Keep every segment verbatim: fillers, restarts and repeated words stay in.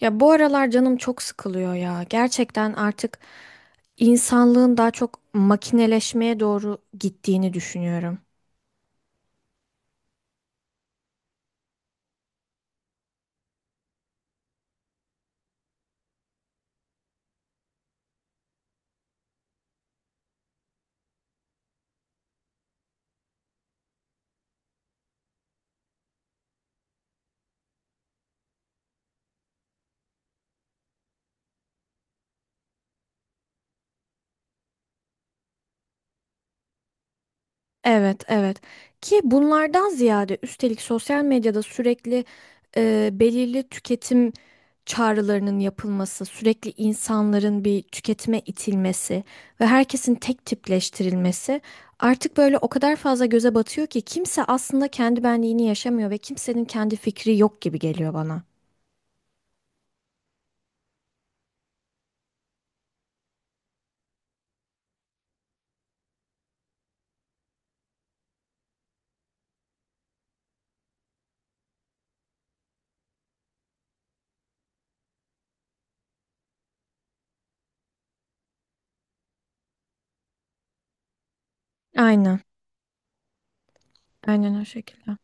Ya bu aralar canım çok sıkılıyor ya. Gerçekten artık insanlığın daha çok makineleşmeye doğru gittiğini düşünüyorum. Evet, evet. Ki bunlardan ziyade üstelik sosyal medyada sürekli e, belirli tüketim çağrılarının yapılması, sürekli insanların bir tüketime itilmesi ve herkesin tek tipleştirilmesi artık böyle o kadar fazla göze batıyor ki kimse aslında kendi benliğini yaşamıyor ve kimsenin kendi fikri yok gibi geliyor bana. Aynen. Aynen o şekilde.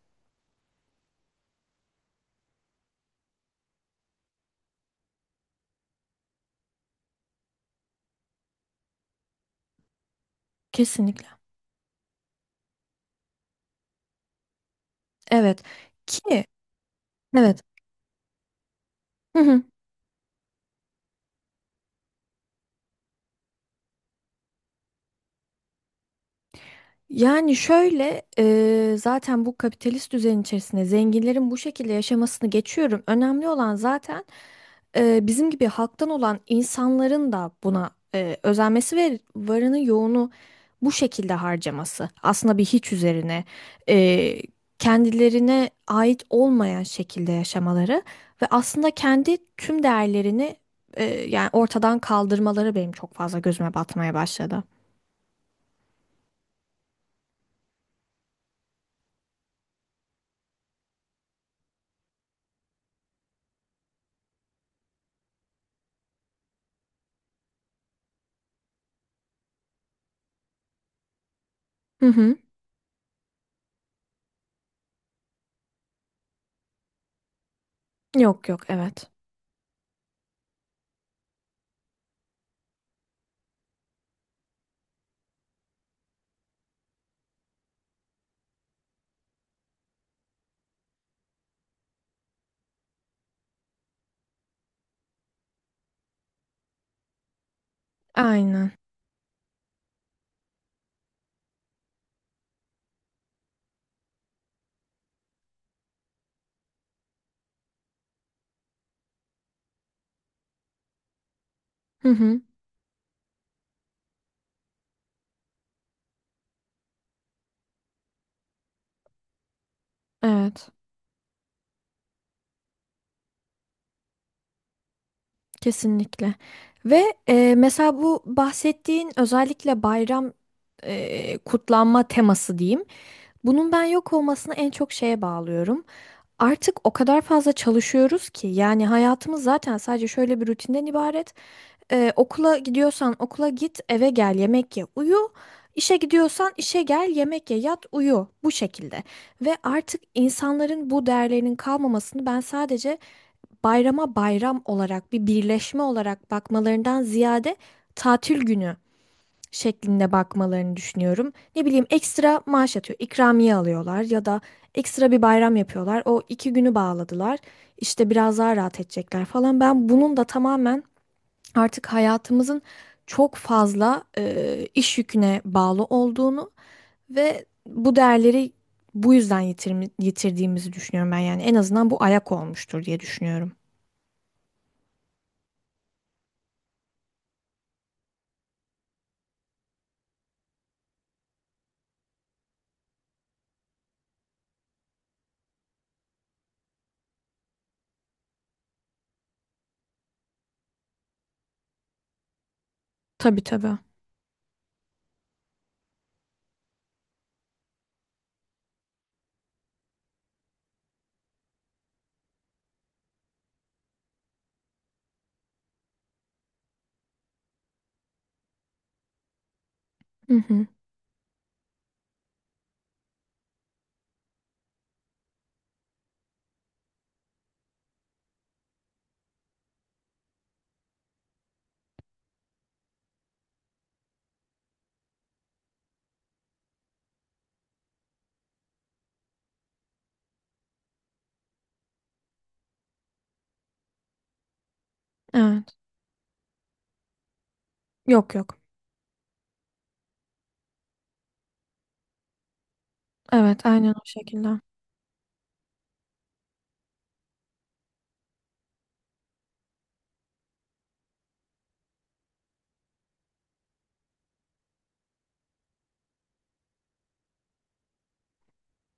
Kesinlikle. Evet. Ki evet. Hı hı. Yani şöyle eee, zaten bu kapitalist düzen içerisinde zenginlerin bu şekilde yaşamasını geçiyorum. Önemli olan zaten eee, bizim gibi halktan olan insanların da buna eee, özenmesi ve varını yoğunu bu şekilde harcaması. Aslında bir hiç üzerine eee, kendilerine ait olmayan şekilde yaşamaları ve aslında kendi tüm değerlerini eee, yani ortadan kaldırmaları benim çok fazla gözüme batmaya başladı. Hı hı. Yok yok, evet. Aynen. Hı hı. Evet. Kesinlikle. Ve e, mesela bu bahsettiğin özellikle bayram e, kutlanma teması diyeyim. Bunun ben yok olmasını en çok şeye bağlıyorum. Artık o kadar fazla çalışıyoruz ki yani hayatımız zaten sadece şöyle bir rutinden ibaret. Ee, okula gidiyorsan okula git, eve gel, yemek ye, uyu. İşe gidiyorsan işe gel, yemek ye, yat, uyu. Bu şekilde. Ve artık insanların bu değerlerinin kalmamasını ben sadece bayrama bayram olarak bir birleşme olarak bakmalarından ziyade tatil günü şeklinde bakmalarını düşünüyorum. Ne bileyim ekstra maaş atıyor, ikramiye alıyorlar ya da ekstra bir bayram yapıyorlar. O iki günü bağladılar. İşte biraz daha rahat edecekler falan. Ben bunun da tamamen artık hayatımızın çok fazla e, iş yüküne bağlı olduğunu ve bu değerleri bu yüzden yitirmi- yitirdiğimizi düşünüyorum ben, yani en azından bu ayak olmuştur diye düşünüyorum. Tabii tabii. Hı hı. Evet. Yok yok. Evet, aynen o şekilde.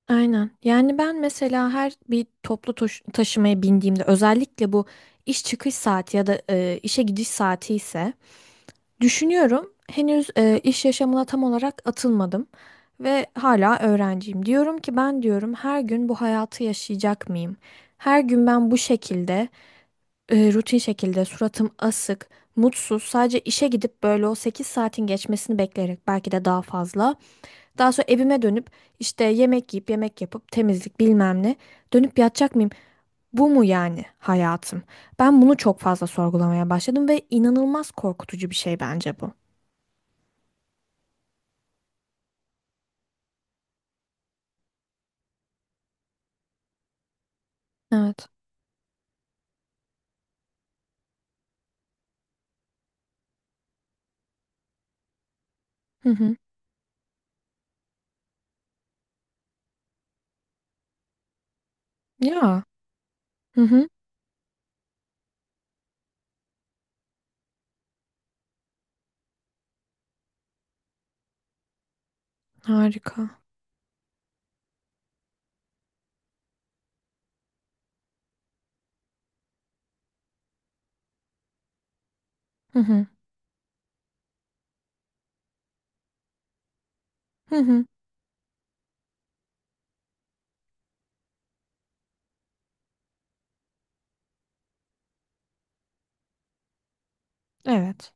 Aynen. Yani ben mesela her bir toplu taş- taşımaya bindiğimde özellikle bu iş çıkış saati ya da e, işe gidiş saati ise düşünüyorum. Henüz e, iş yaşamına tam olarak atılmadım ve hala öğrenciyim. Diyorum ki ben, diyorum, her gün bu hayatı yaşayacak mıyım? Her gün ben bu şekilde e, rutin şekilde suratım asık, mutsuz, sadece işe gidip böyle o sekiz saatin geçmesini bekleyerek belki de daha fazla. Daha sonra evime dönüp işte yemek yiyip yemek yapıp temizlik bilmem ne dönüp yatacak mıyım? Bu mu yani hayatım? Ben bunu çok fazla sorgulamaya başladım ve inanılmaz korkutucu bir şey bence bu. Evet. Hı hı. Ya. Hı hı. Harika. Hı hı. Hı hı. Evet.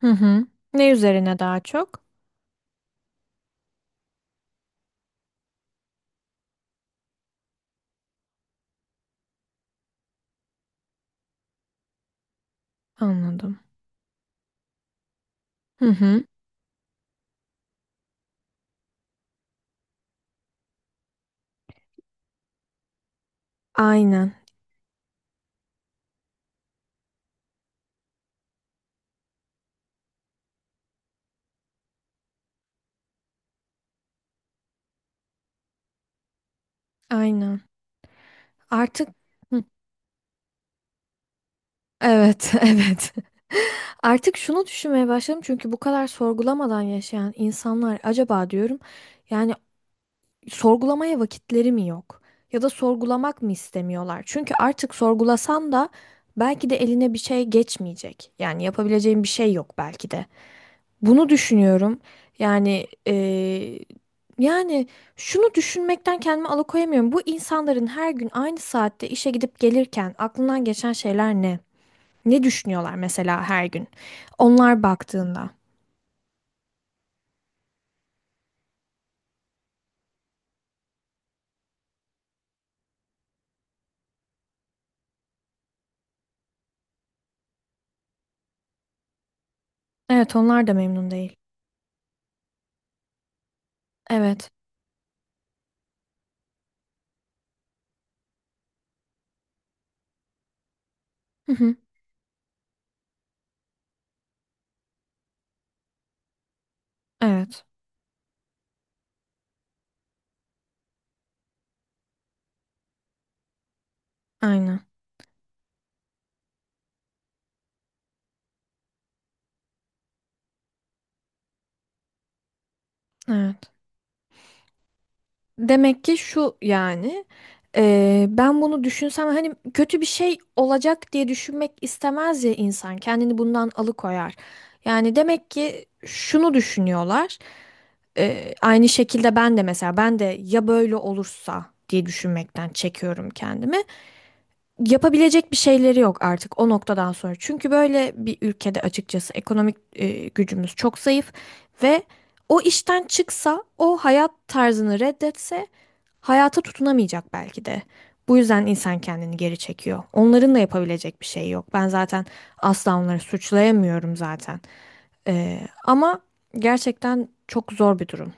Hı hı. Ne üzerine daha çok? Anladım. Hı hı. Aynen. Aynen. Artık hı, evet, evet. Artık şunu düşünmeye başladım, çünkü bu kadar sorgulamadan yaşayan insanlar acaba diyorum. Yani sorgulamaya vakitleri mi yok? Ya da sorgulamak mı istemiyorlar? Çünkü artık sorgulasan da belki de eline bir şey geçmeyecek. Yani yapabileceğin bir şey yok belki de. Bunu düşünüyorum. Yani eee, yani şunu düşünmekten kendimi alıkoyamıyorum. Bu insanların her gün aynı saatte işe gidip gelirken aklından geçen şeyler ne? Ne düşünüyorlar mesela her gün? Onlar baktığında. Evet, onlar da memnun değil. Evet. Hı hı. Evet. Aynen. Evet. Demek ki şu, yani eee, ben bunu düşünsem hani kötü bir şey olacak diye düşünmek istemez ya insan, kendini bundan alıkoyar. Yani demek ki şunu düşünüyorlar eee, aynı şekilde ben de, mesela ben de ya böyle olursa diye düşünmekten çekiyorum kendimi. Yapabilecek bir şeyleri yok artık o noktadan sonra. Çünkü böyle bir ülkede açıkçası ekonomik e, gücümüz çok zayıf ve o işten çıksa, o hayat tarzını reddetse hayata tutunamayacak belki de. Bu yüzden insan kendini geri çekiyor. Onların da yapabilecek bir şey yok. Ben zaten asla onları suçlayamıyorum zaten. Ee, ama gerçekten çok zor bir durum.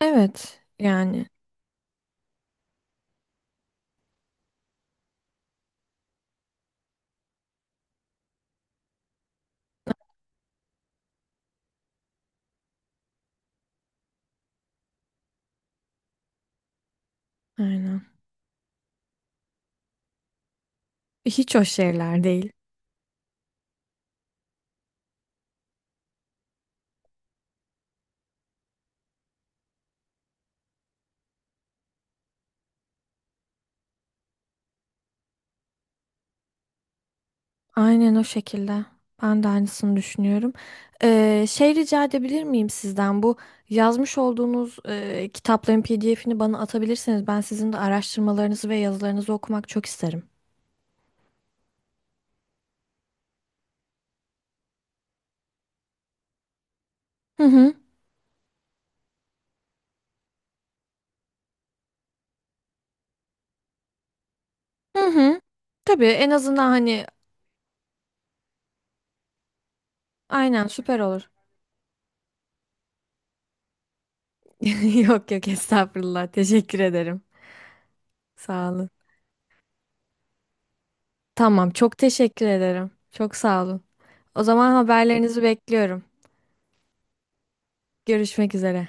Evet, yani aynen. Hiç hoş şeyler değil. Aynen o şekilde. Ben de aynısını düşünüyorum. Ee, şey, rica edebilir miyim sizden? Bu yazmış olduğunuz e, kitapların P D F'ini bana atabilirseniz ben sizin de araştırmalarınızı ve yazılarınızı okumak çok isterim. Hı hı. Hı hı. Tabii, en azından hani aynen, süper olur. Yok yok, estağfurullah. Teşekkür ederim. Sağ olun. Tamam, çok teşekkür ederim. Çok sağ olun. O zaman haberlerinizi bekliyorum. Görüşmek üzere.